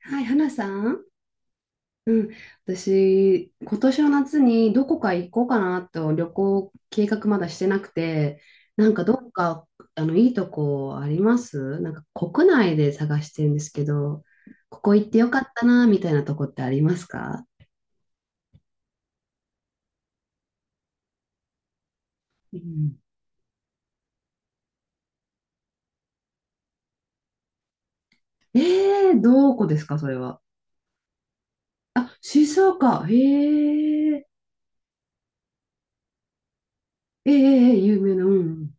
はい、花さん。うん。私、今年の夏にどこか行こうかなと旅行計画まだしてなくて、なんかどっか、あの、いいとこありますなんか国内で探してるんですけど、ここ行ってよかったな、みたいなとこってありますか？うん、どこですか、それは。あ、静岡。へー、有名な、うん。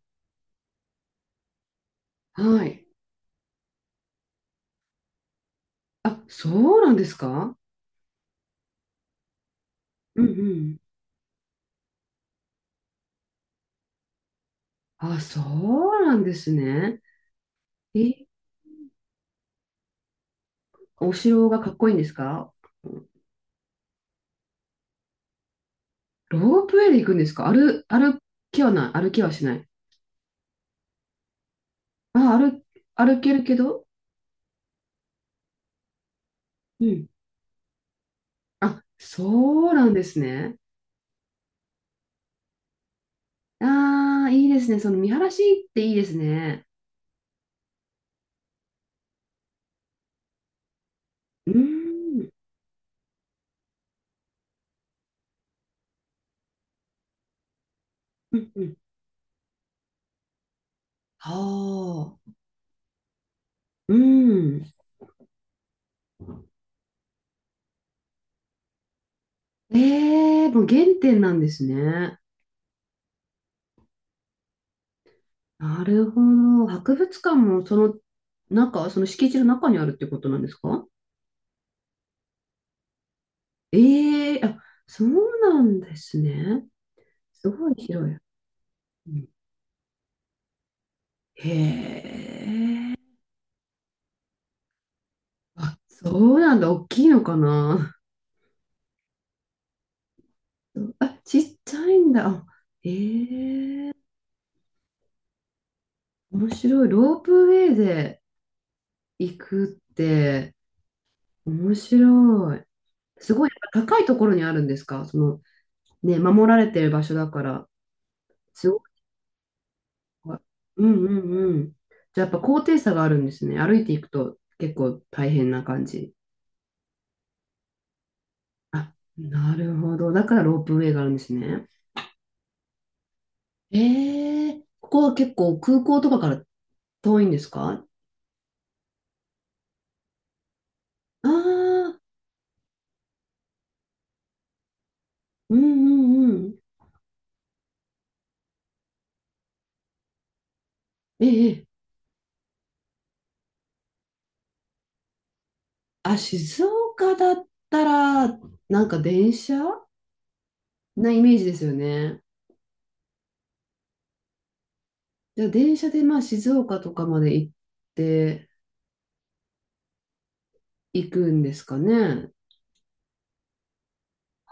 はい。あ、そうなんですか？うんうん。あ、そうなんですね。え、お城がかっこいいんですか？ロープウェイで行くんですか？歩きはない。歩きはしない。あ、歩けるけど、うん。あ、そうなんですね。ああ、いいですね。その見晴らしっていいですね。うーん。うんうん。はあ。うん。ええ、もう原点なんですね。なるほど。博物館もその中、その敷地の中にあるってことなんですか？ええ、あ、そうなんですね。すごい広い。うん、へえ。あ、そうなんだ。大きいのかな。あ、ちっちゃいんだ。あ、へえ。面白い。ロープウェイで行くって面白い。すごい、やっぱ高いところにあるんですか？その、ね、守られてる場所だから。すごい。うんうんうん。じゃあやっぱ高低差があるんですね。歩いていくと結構大変な感じ。あ、なるほど。だからロープウェイがあるんですね。ええ、ここは結構空港とかから遠いんですか？ああー、うんうんうん。ええ、あ、静岡だったら、なんか電車なイメージですよね。じゃあ電車でまあ静岡とかまで行って行くんですかね。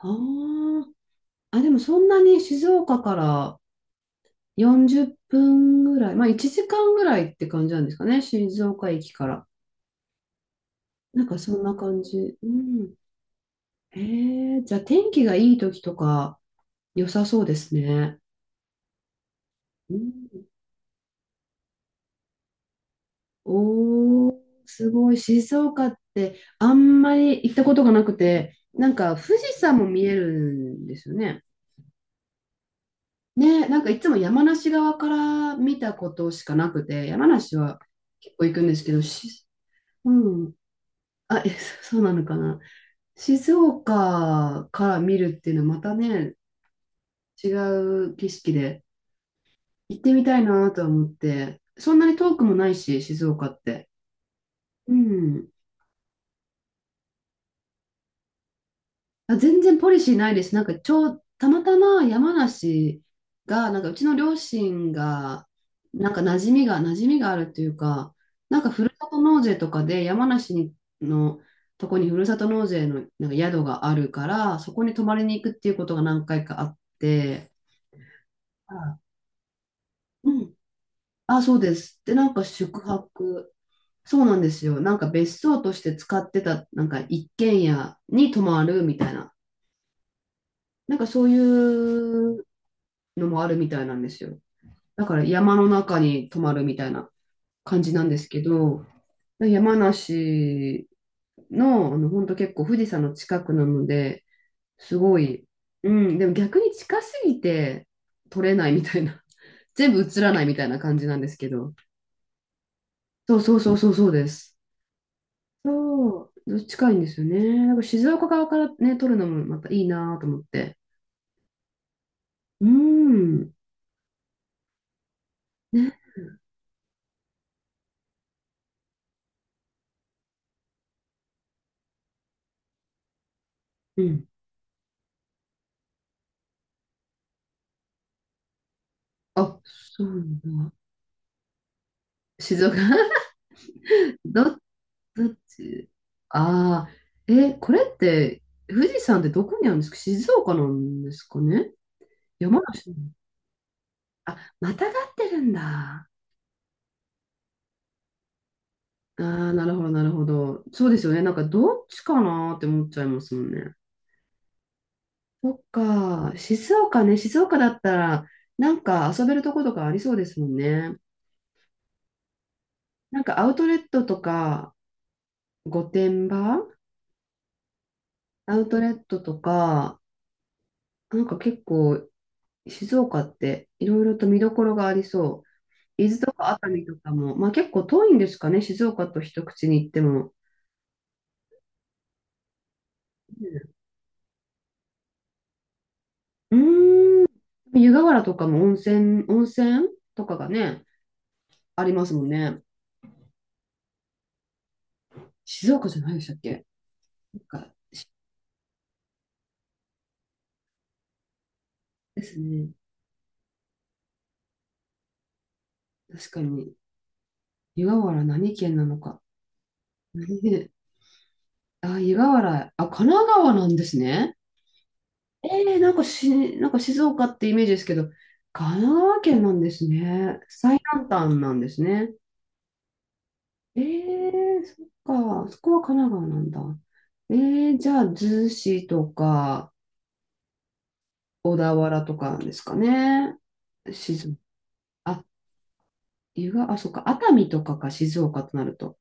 はあ。あ、でもそんなに静岡から40分ぐらい、まあ1時間ぐらいって感じなんですかね。静岡駅から。なんかそんな感じ。うん。ええ、じゃあ天気がいい時とか良さそうですね。うん、おー、すごい。静岡ってあんまり行ったことがなくて、なんか富士山も見えるんですよね。ね、なんかいつも山梨側から見たことしかなくて、山梨は結構行くんですけど、うん。あ、え、そうなのかな。静岡から見るっていうのはまたね、違う景色で。行ってみたいなとは思って、そんなに遠くもないし、静岡って。うん。あ、全然ポリシーないです。なんか、ちょう、たまたま山梨が、なんか、うちの両親が、なんか、馴染みがあるというか、なんか、ふるさと納税とかで、山梨にのとこにふるさと納税のなんか宿があるから、そこに泊まりに行くっていうことが何回かあって、あ、うん。あ、そうです。で、なんか、宿泊。そうなんですよ。なんか別荘として使ってた、なんか一軒家に泊まるみたいな、なんかそういうのもあるみたいなんですよ。だから山の中に泊まるみたいな感じなんですけど、山梨の、あの、本当結構富士山の近くなので、すごい、うん、でも逆に近すぎて撮れないみたいな、全部映らないみたいな感じなんですけど、そうそうそうそうそうです。そう、近いんですよね。なんか静岡側からね、撮るのもまたいいなと思って。うーん。ね。うん。あ、そうなんだ。静岡。 ど、どっち、ああー、え、これって、富士山ってどこにあるんですか？静岡なんですかね？山梨なの？あ、またがってるんだ。ああ、なるほど、なるほど。そうですよね。なんかどっちかなって思っちゃいますもんね。そっか、静岡ね、静岡だったら、なんか遊べるとことかありそうですもんね。なんかアウトレットとか、御殿場アウトレットとか、なんか結構、静岡っていろいろと見どころがありそう。伊豆とか熱海とかも、まあ結構遠いんですかね、静岡と一口に行っても。うん、うーん、湯河原とかも温泉とかがね、ありますもんね。静岡じゃないでしたっけ？なんか、ですね。確かに。湯河原何県なのか。ね、あ、湯河原、あ、神奈川なんですね。えなんかなんか静岡ってイメージですけど、神奈川県なんですね。最南端なんですね。そっか、そこは神奈川なんだ。えじゃあ、逗子とか、小田原とかなんですかね。静岡。あ、あ、そっか、熱海とかか、静岡となると。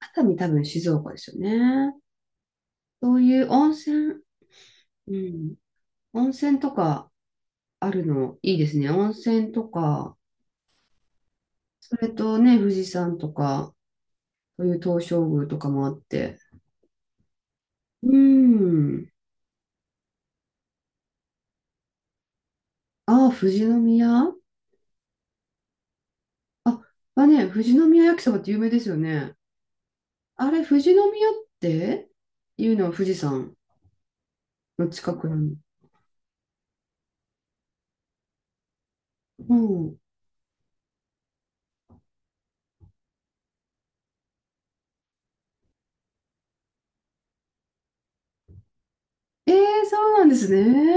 熱海多分静岡ですよね。そういう温泉、うん、温泉とかあるのいいですね。温泉とか、それとね、富士山とか、そういう東照宮とかもあって。うーん。ああ、富士宮。あ、ね、富士宮焼きそばって有名ですよね。あれ、富士宮っていうのは富士山の近くなの。うん。ええ、そうなんですね。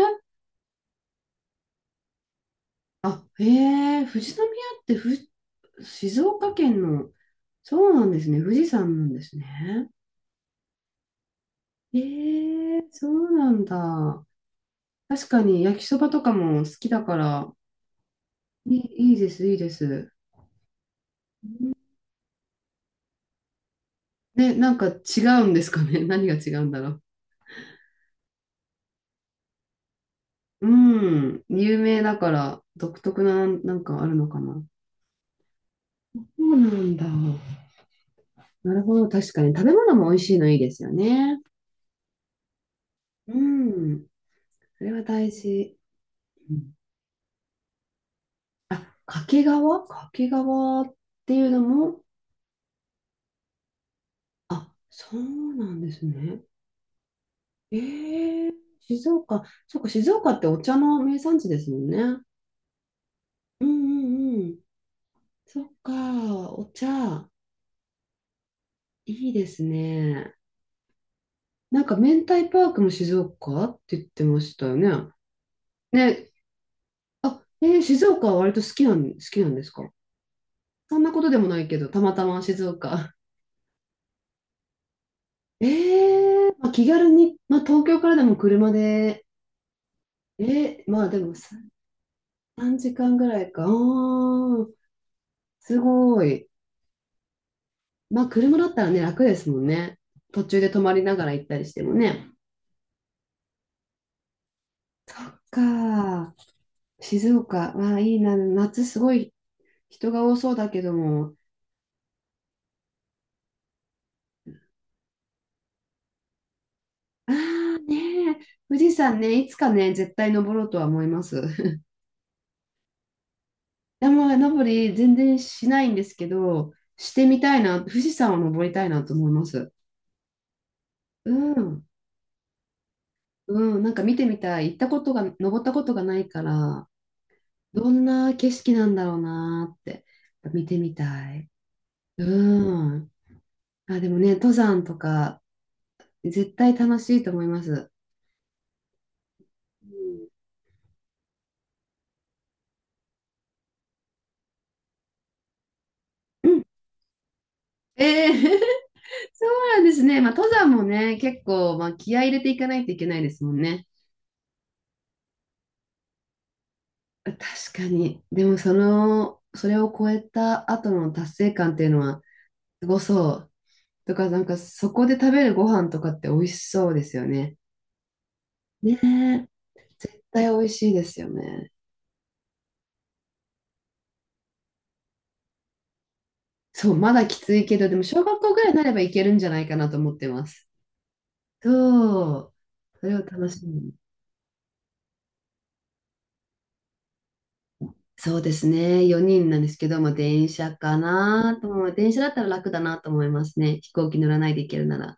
あ、へえ、富士宮って静岡県の、そうなんですね。富士山なんですね。ええ、そうなんだ。確かに焼きそばとかも好きだから、いいです、いいです。ね、なんか違うんですかね。何が違うんだろう。うん、有名だから独特な、なんかあるのかな。そうなんだ。なるほど、確かに。食べ物も美味しいのいいですよね。うん、それは大事。うん、掛川っていうのも、あ、そうなんですね。え、静岡、そっか、静岡ってお茶の名産地ですもんね。うんうんうん。そっか、お茶、いいですね。なんか、明太パークも静岡って言ってましたよね。ね、あ、静岡は割と好きなんですか？そんなことでもないけど、たまたま静岡。ええ、まあ、気軽に、まあ、東京からでも車で、えまあでもさ3時間ぐらいか。ああ、すごい。まあ、車だったらね、楽ですもんね。途中で泊まりながら行ったりしてもね。そっか。静岡。わあ、いいな。夏すごい人が多そうだけども。ああ、ねえ。富士山ね、いつかね、絶対登ろうとは思います。山登り全然しないんですけど、してみたいな。富士山を登りたいなと思います。うん。うん。なんか見てみたい。行ったことが、登ったことがないから、どんな景色なんだろうなーって、見てみたい。うん。あ、でもね、登山とか、絶対楽しいと思います。うん。うん、えー そうなんですね。まあ、登山もね、結構、まあ、気合い入れていかないといけないですもんね。確かに。でも、その、それを超えた後の達成感っていうのは、すごそう。とか、なんか、そこで食べるご飯とかって美味しそうですよね。ねえ。絶対美味しいですよね。そう、まだきついけど、でも、小学校ぐらいになればいけるんじゃないかなと思ってます。そう。それを楽しみに。そうですね。4人なんですけど、も電車かなと思う。電車だったら楽だなと思いますね。飛行機乗らないで行けるなら。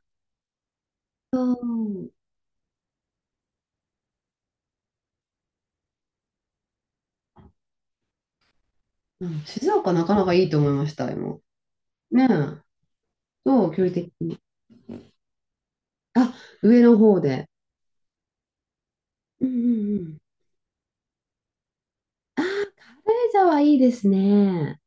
うん。うん、静岡なかなかいいと思いました、今。ねえ。そう、距離的に。あ、上の方で。うんうんうん。軽井沢いいですね。